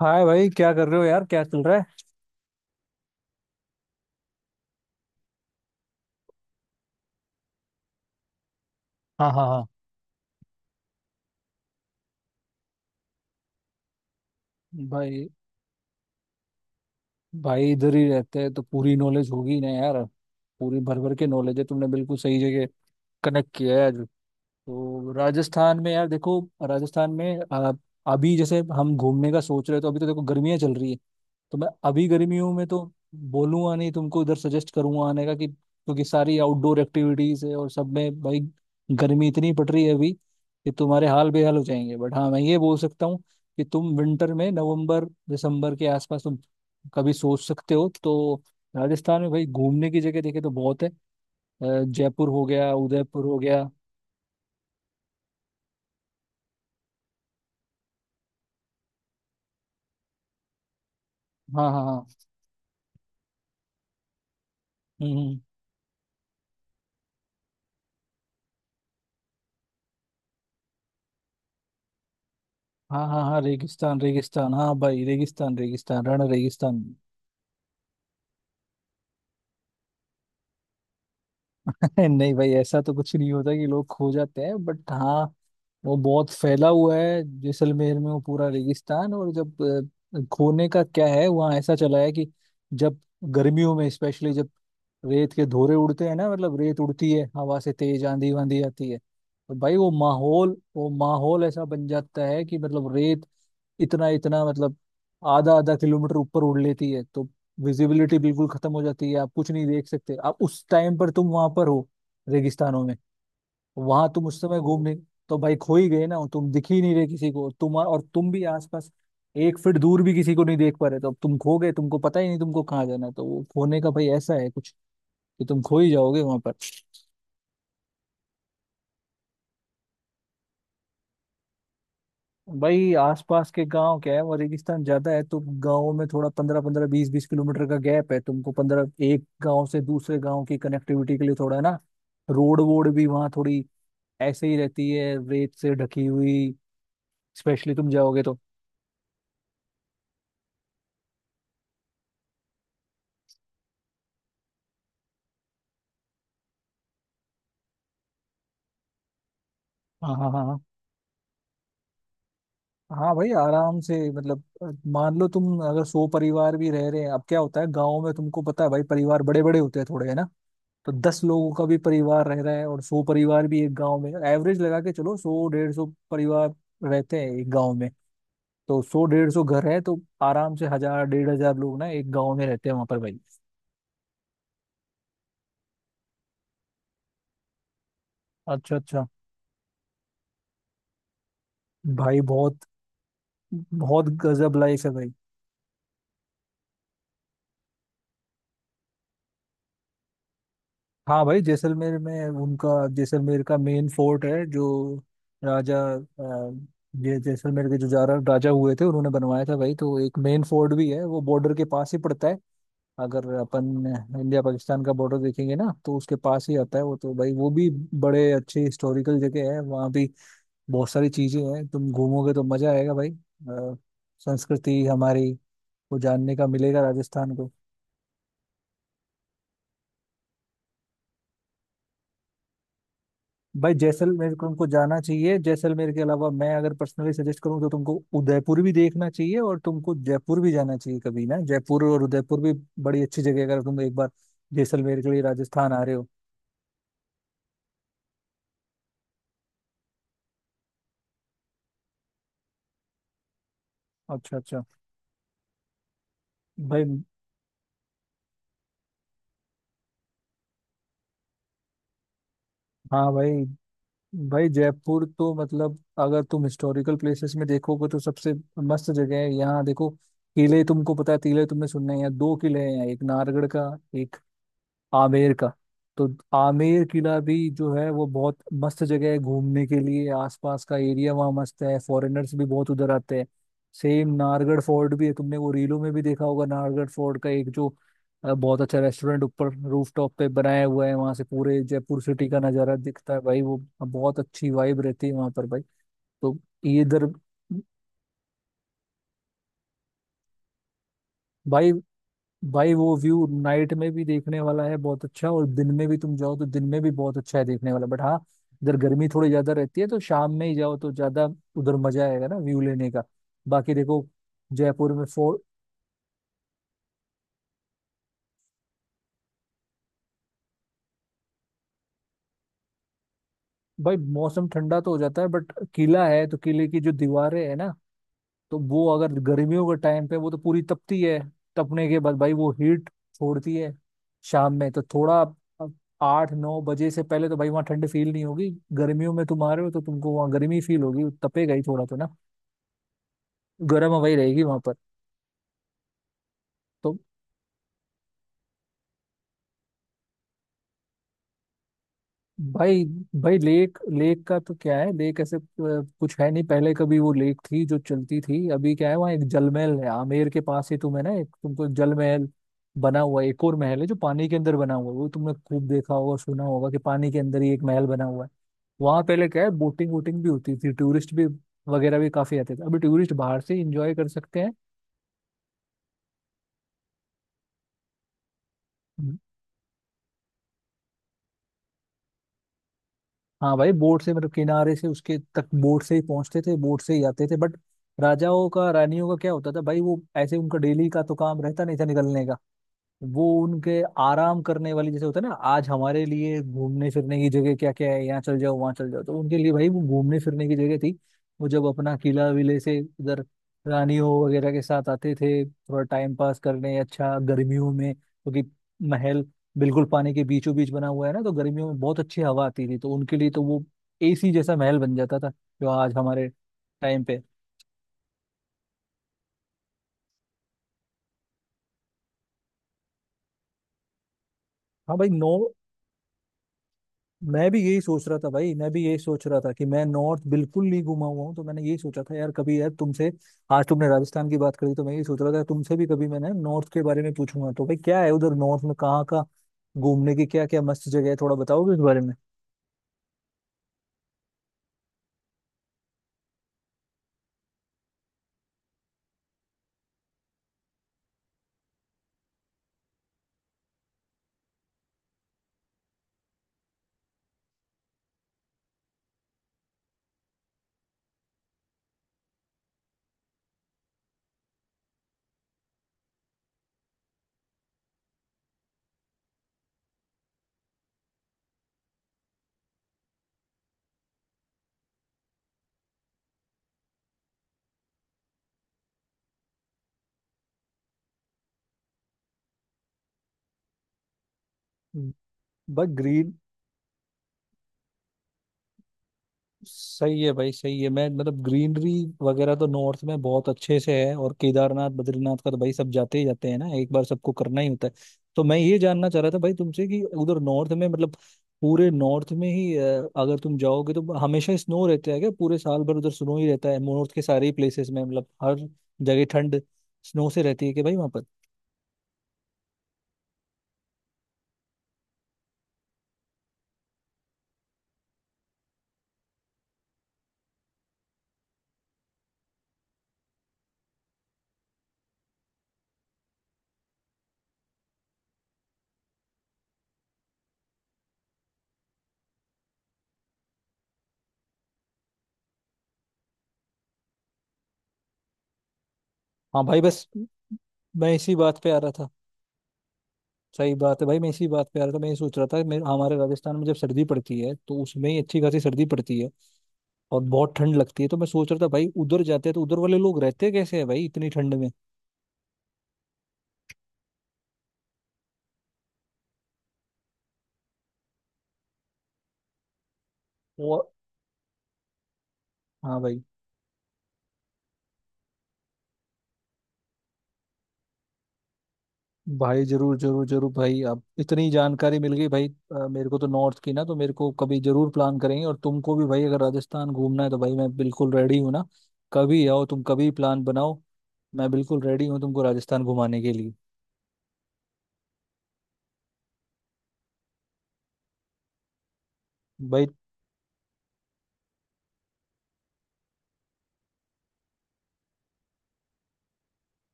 हाय भाई, क्या कर रहे हो यार? क्या चल रहा है? हाँ, हाँ, हाँ। भाई भाई इधर ही रहते हैं तो पूरी नॉलेज होगी ना यार। पूरी भर भर के नॉलेज है, तुमने बिल्कुल सही जगह कनेक्ट किया है। तो राजस्थान में यार देखो, राजस्थान में अभी जैसे हम घूमने का सोच रहे हैं तो अभी तो देखो गर्मियाँ चल रही है। तो मैं अभी गर्मियों में तो बोलूंगा नहीं तुमको, इधर सजेस्ट करूंगा आने का कि, क्योंकि सारी आउटडोर एक्टिविटीज है और सब में भाई गर्मी इतनी पड़ रही है अभी कि तुम्हारे हाल बेहाल हो जाएंगे। बट हाँ, मैं ये बोल सकता हूँ कि तुम विंटर में नवंबर दिसंबर के आसपास तुम कभी सोच सकते हो। तो राजस्थान में भाई घूमने की जगह देखे तो बहुत है। जयपुर हो गया, उदयपुर हो गया। हाँ, हाँ, हाँ। हम्म। हाँ, हाँ, हाँ, रेगिस्तान, रेगिस्तान, हाँ भाई, रेगिस्तान, रेगिस्तान, रण, रेगिस्तान। नहीं भाई, ऐसा तो कुछ नहीं होता कि लोग खो जाते हैं, बट हाँ, वो बहुत फैला हुआ है जैसलमेर में, वो पूरा रेगिस्तान। और जब खोने का क्या है वहाँ, ऐसा चला है कि जब गर्मियों में स्पेशली, जब रेत के धोरे उड़ते हैं ना, मतलब रेत उड़ती है हवा से, तेज आंधी वांधी आती है तो भाई वो माहौल, वो माहौल ऐसा बन जाता है कि मतलब रेत इतना इतना, मतलब आधा आधा किलोमीटर ऊपर उड़ लेती है। तो विजिबिलिटी बिल्कुल खत्म हो जाती है, आप कुछ नहीं देख सकते। आप उस टाइम पर तुम वहां पर हो रेगिस्तानों में, वहां तुम उस समय घूमने, तो भाई खो ही गए ना। तुम दिख ही नहीं रहे किसी को, तुम, और तुम भी आसपास 1 फीट दूर भी किसी को नहीं देख पा रहे। तो अब तुम खो गए, तुमको पता ही नहीं तुमको कहाँ जाना है। तो वो खोने का भाई ऐसा है कुछ कि तुम खो ही जाओगे वहां पर। भाई आसपास के गांव क्या है, वो रेगिस्तान ज्यादा है तो गांवों में थोड़ा 15-15 20-20 किलोमीटर का गैप है। तुमको पंद्रह एक गांव से दूसरे गांव की कनेक्टिविटी के लिए थोड़ा है ना, रोड वोड भी वहाँ थोड़ी ऐसे ही रहती है रेत से ढकी हुई। स्पेशली तुम जाओगे तो, हाँ हाँ हाँ हाँ। हाँ भाई, आराम से, मतलब मान लो तुम अगर 100 परिवार भी रह रहे हैं, अब क्या होता है गाँव में, तुमको पता है भाई, परिवार बड़े बड़े होते हैं थोड़े है ना। तो 10 लोगों का भी परिवार रह रहा है और 100 परिवार भी एक गांव में, एवरेज लगा के चलो, 100-150 परिवार रहते हैं एक गांव में। तो 100-150 घर है तो आराम से 1,000-1,500 लोग ना एक गांव में रहते हैं वहां पर भाई। अच्छा, अच्छा। भाई बहुत, बहुत गजब लाइफ है भाई। हाँ भाई, जैसलमेर में उनका, जैसलमेर का मेन फोर्ट है जो राजा, ये जैसलमेर के जो जारा राजा हुए थे उन्होंने बनवाया था भाई। तो एक मेन फोर्ट भी है, वो बॉर्डर के पास ही पड़ता है। अगर अपन इंडिया पाकिस्तान का बॉर्डर देखेंगे ना तो उसके पास ही आता है वो। तो भाई वो भी बड़े अच्छे हिस्टोरिकल जगह है वहाँ भी। बहुत सारी चीजें हैं, तुम घूमोगे तो मजा आएगा भाई। संस्कृति हमारी को जानने का मिलेगा, राजस्थान को। भाई जैसलमेर को तुमको जाना चाहिए, जैसलमेर के अलावा मैं अगर पर्सनली सजेस्ट करूँ तो तुमको उदयपुर भी देखना चाहिए और तुमको जयपुर भी जाना चाहिए कभी ना, जयपुर और उदयपुर भी बड़ी अच्छी जगह है, अगर तुम एक बार जैसलमेर के लिए राजस्थान आ रहे हो। अच्छा, अच्छा। भाई। हाँ भाई भाई जयपुर तो मतलब, अगर तुम हिस्टोरिकल प्लेसेस में देखोगे तो सबसे मस्त जगह है, यहाँ देखो किले, तुमको पता है किले तुमने सुनने हैं, यहाँ दो किले हैं, एक नारगढ़ का, एक आमेर का। तो आमेर किला भी जो है वो बहुत मस्त जगह है घूमने के लिए, आसपास का एरिया वहाँ मस्त है, फॉरेनर्स भी बहुत उधर आते हैं। सेम नाहरगढ़ फोर्ट भी है, तुमने वो रीलों में भी देखा होगा, नाहरगढ़ फोर्ट का एक जो बहुत अच्छा रेस्टोरेंट ऊपर रूफटॉप पे बनाया हुआ है, वहाँ से पूरे जयपुर सिटी का नज़ारा दिखता है भाई वो। बहुत अच्छी वाइब रहती है वहाँ पर भाई। तो ये इधर भाई। भाई वो व्यू नाइट में भी देखने वाला है बहुत अच्छा, और दिन में भी तुम जाओ तो दिन में भी बहुत अच्छा है देखने वाला। बट हाँ, इधर गर्मी थोड़ी ज्यादा रहती है तो शाम में ही जाओ तो ज्यादा उधर मजा आएगा ना, व्यू लेने का। बाकी देखो, जयपुर में भाई मौसम ठंडा तो हो जाता है बट किला है तो किले की जो दीवारें है ना, तो वो, अगर गर्मियों के टाइम पे वो तो पूरी तपती है। तपने के बाद भाई वो हीट छोड़ती है। शाम में तो थोड़ा, अब 8-9 बजे से पहले तो भाई वहाँ ठंड फील नहीं होगी। गर्मियों में तुम आ रहे हो तो तुमको वहाँ गर्मी फील होगी, तपेगा ही थोड़ा तो ना, गर्म हवा ही रहेगी वहां पर। तो भाई, भाई लेक, लेक का तो क्या है, लेक ऐसे कुछ है नहीं, पहले कभी वो लेक थी जो चलती थी, अभी क्या है वहाँ एक जलमहल है, आमेर के पास ही, तुम्हें ना एक तुमको जलमहल बना हुआ है। एक और महल है जो पानी के अंदर बना हुआ है, वो तुमने खूब देखा होगा, सुना होगा कि पानी के अंदर ही एक महल बना हुआ है। वहाँ पहले क्या है, बोटिंग वोटिंग भी होती थी, टूरिस्ट भी वगैरह भी काफी आते थे, अभी टूरिस्ट बाहर से इंजॉय कर सकते हैं। हाँ भाई, बोट से, मतलब किनारे से उसके तक बोट से ही पहुंचते थे, बोट से ही आते थे। बट राजाओं का रानियों का क्या होता था भाई, वो ऐसे उनका डेली का तो काम रहता नहीं था निकलने का। वो उनके आराम करने वाली, जैसे होता है ना आज हमारे लिए घूमने फिरने की जगह, क्या क्या है, यहाँ चल जाओ वहाँ चल जाओ, तो उनके लिए भाई वो घूमने फिरने की जगह थी। वो जब अपना किला विले से इधर रानियों वगैरह के साथ आते थे थोड़ा टाइम पास करने, अच्छा गर्मियों में, क्योंकि महल बिल्कुल पानी के बीचों बीच बना हुआ है ना, तो गर्मियों में बहुत अच्छी हवा आती थी तो उनके लिए तो वो एसी जैसा महल बन जाता था जो आज हमारे टाइम पे। हाँ भाई, नो। मैं भी यही सोच रहा था भाई, मैं भी यही सोच रहा था कि मैं नॉर्थ बिल्कुल नहीं घुमा हुआ हूँ, तो मैंने यही सोचा था यार कभी यार तुमसे, आज तुमने राजस्थान की बात करी तो मैं यही सोच रहा था तुमसे भी कभी मैंने नॉर्थ के बारे में पूछूंगा। तो भाई क्या है उधर नॉर्थ में, कहाँ का घूमने की क्या क्या मस्त जगह है थोड़ा बताओगे इस बारे में, बस ग्रीन। सही है भाई, सही है। मैं, मतलब ग्रीनरी वगैरह तो नॉर्थ में बहुत अच्छे से है, और केदारनाथ बद्रीनाथ का तो भाई सब जाते ही जाते हैं ना एक बार, सबको करना ही होता है। तो मैं ये जानना चाह रहा था भाई तुमसे कि उधर नॉर्थ में, मतलब पूरे नॉर्थ में ही अगर तुम जाओगे तो हमेशा स्नो रहता है क्या, पूरे साल भर उधर स्नो ही रहता है नॉर्थ के सारे प्लेसेस में? मतलब हर जगह ठंड स्नो से रहती है कि भाई वहां पर। हाँ भाई बस। मैं इसी बात पे आ रहा था। सही बात है भाई, मैं इसी बात पे आ रहा था। मैं ये सोच रहा था, मेरे हमारे राजस्थान में जब सर्दी पड़ती है तो उसमें ही अच्छी खासी सर्दी पड़ती है और बहुत ठंड लगती है, तो मैं सोच रहा था भाई उधर जाते हैं तो उधर वाले लोग रहते कैसे है भाई इतनी ठंड में। वो, हाँ भाई। भाई जरूर, जरूर, जरूर भाई, अब इतनी जानकारी मिल गई भाई, मेरे को तो नॉर्थ की ना, तो मेरे को कभी जरूर प्लान करेंगे, और तुमको भी भाई अगर राजस्थान घूमना है तो भाई मैं बिल्कुल रेडी हूँ ना। कभी आओ तुम, कभी प्लान बनाओ, मैं बिल्कुल रेडी हूँ तुमको राजस्थान घुमाने के लिए भाई।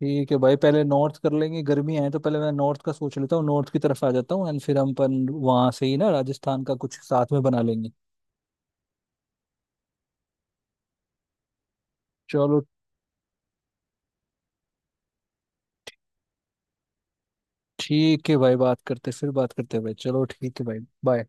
ठीक है भाई, पहले नॉर्थ कर लेंगे, गर्मी है तो पहले मैं नॉर्थ का सोच लेता हूँ, नॉर्थ की तरफ आ जाता हूँ एंड फिर हम अपन वहां से ही ना राजस्थान का कुछ साथ में बना लेंगे। चलो, ठीक है भाई, बात करते, फिर बात करते हैं भाई। चलो, ठीक है भाई। बाय।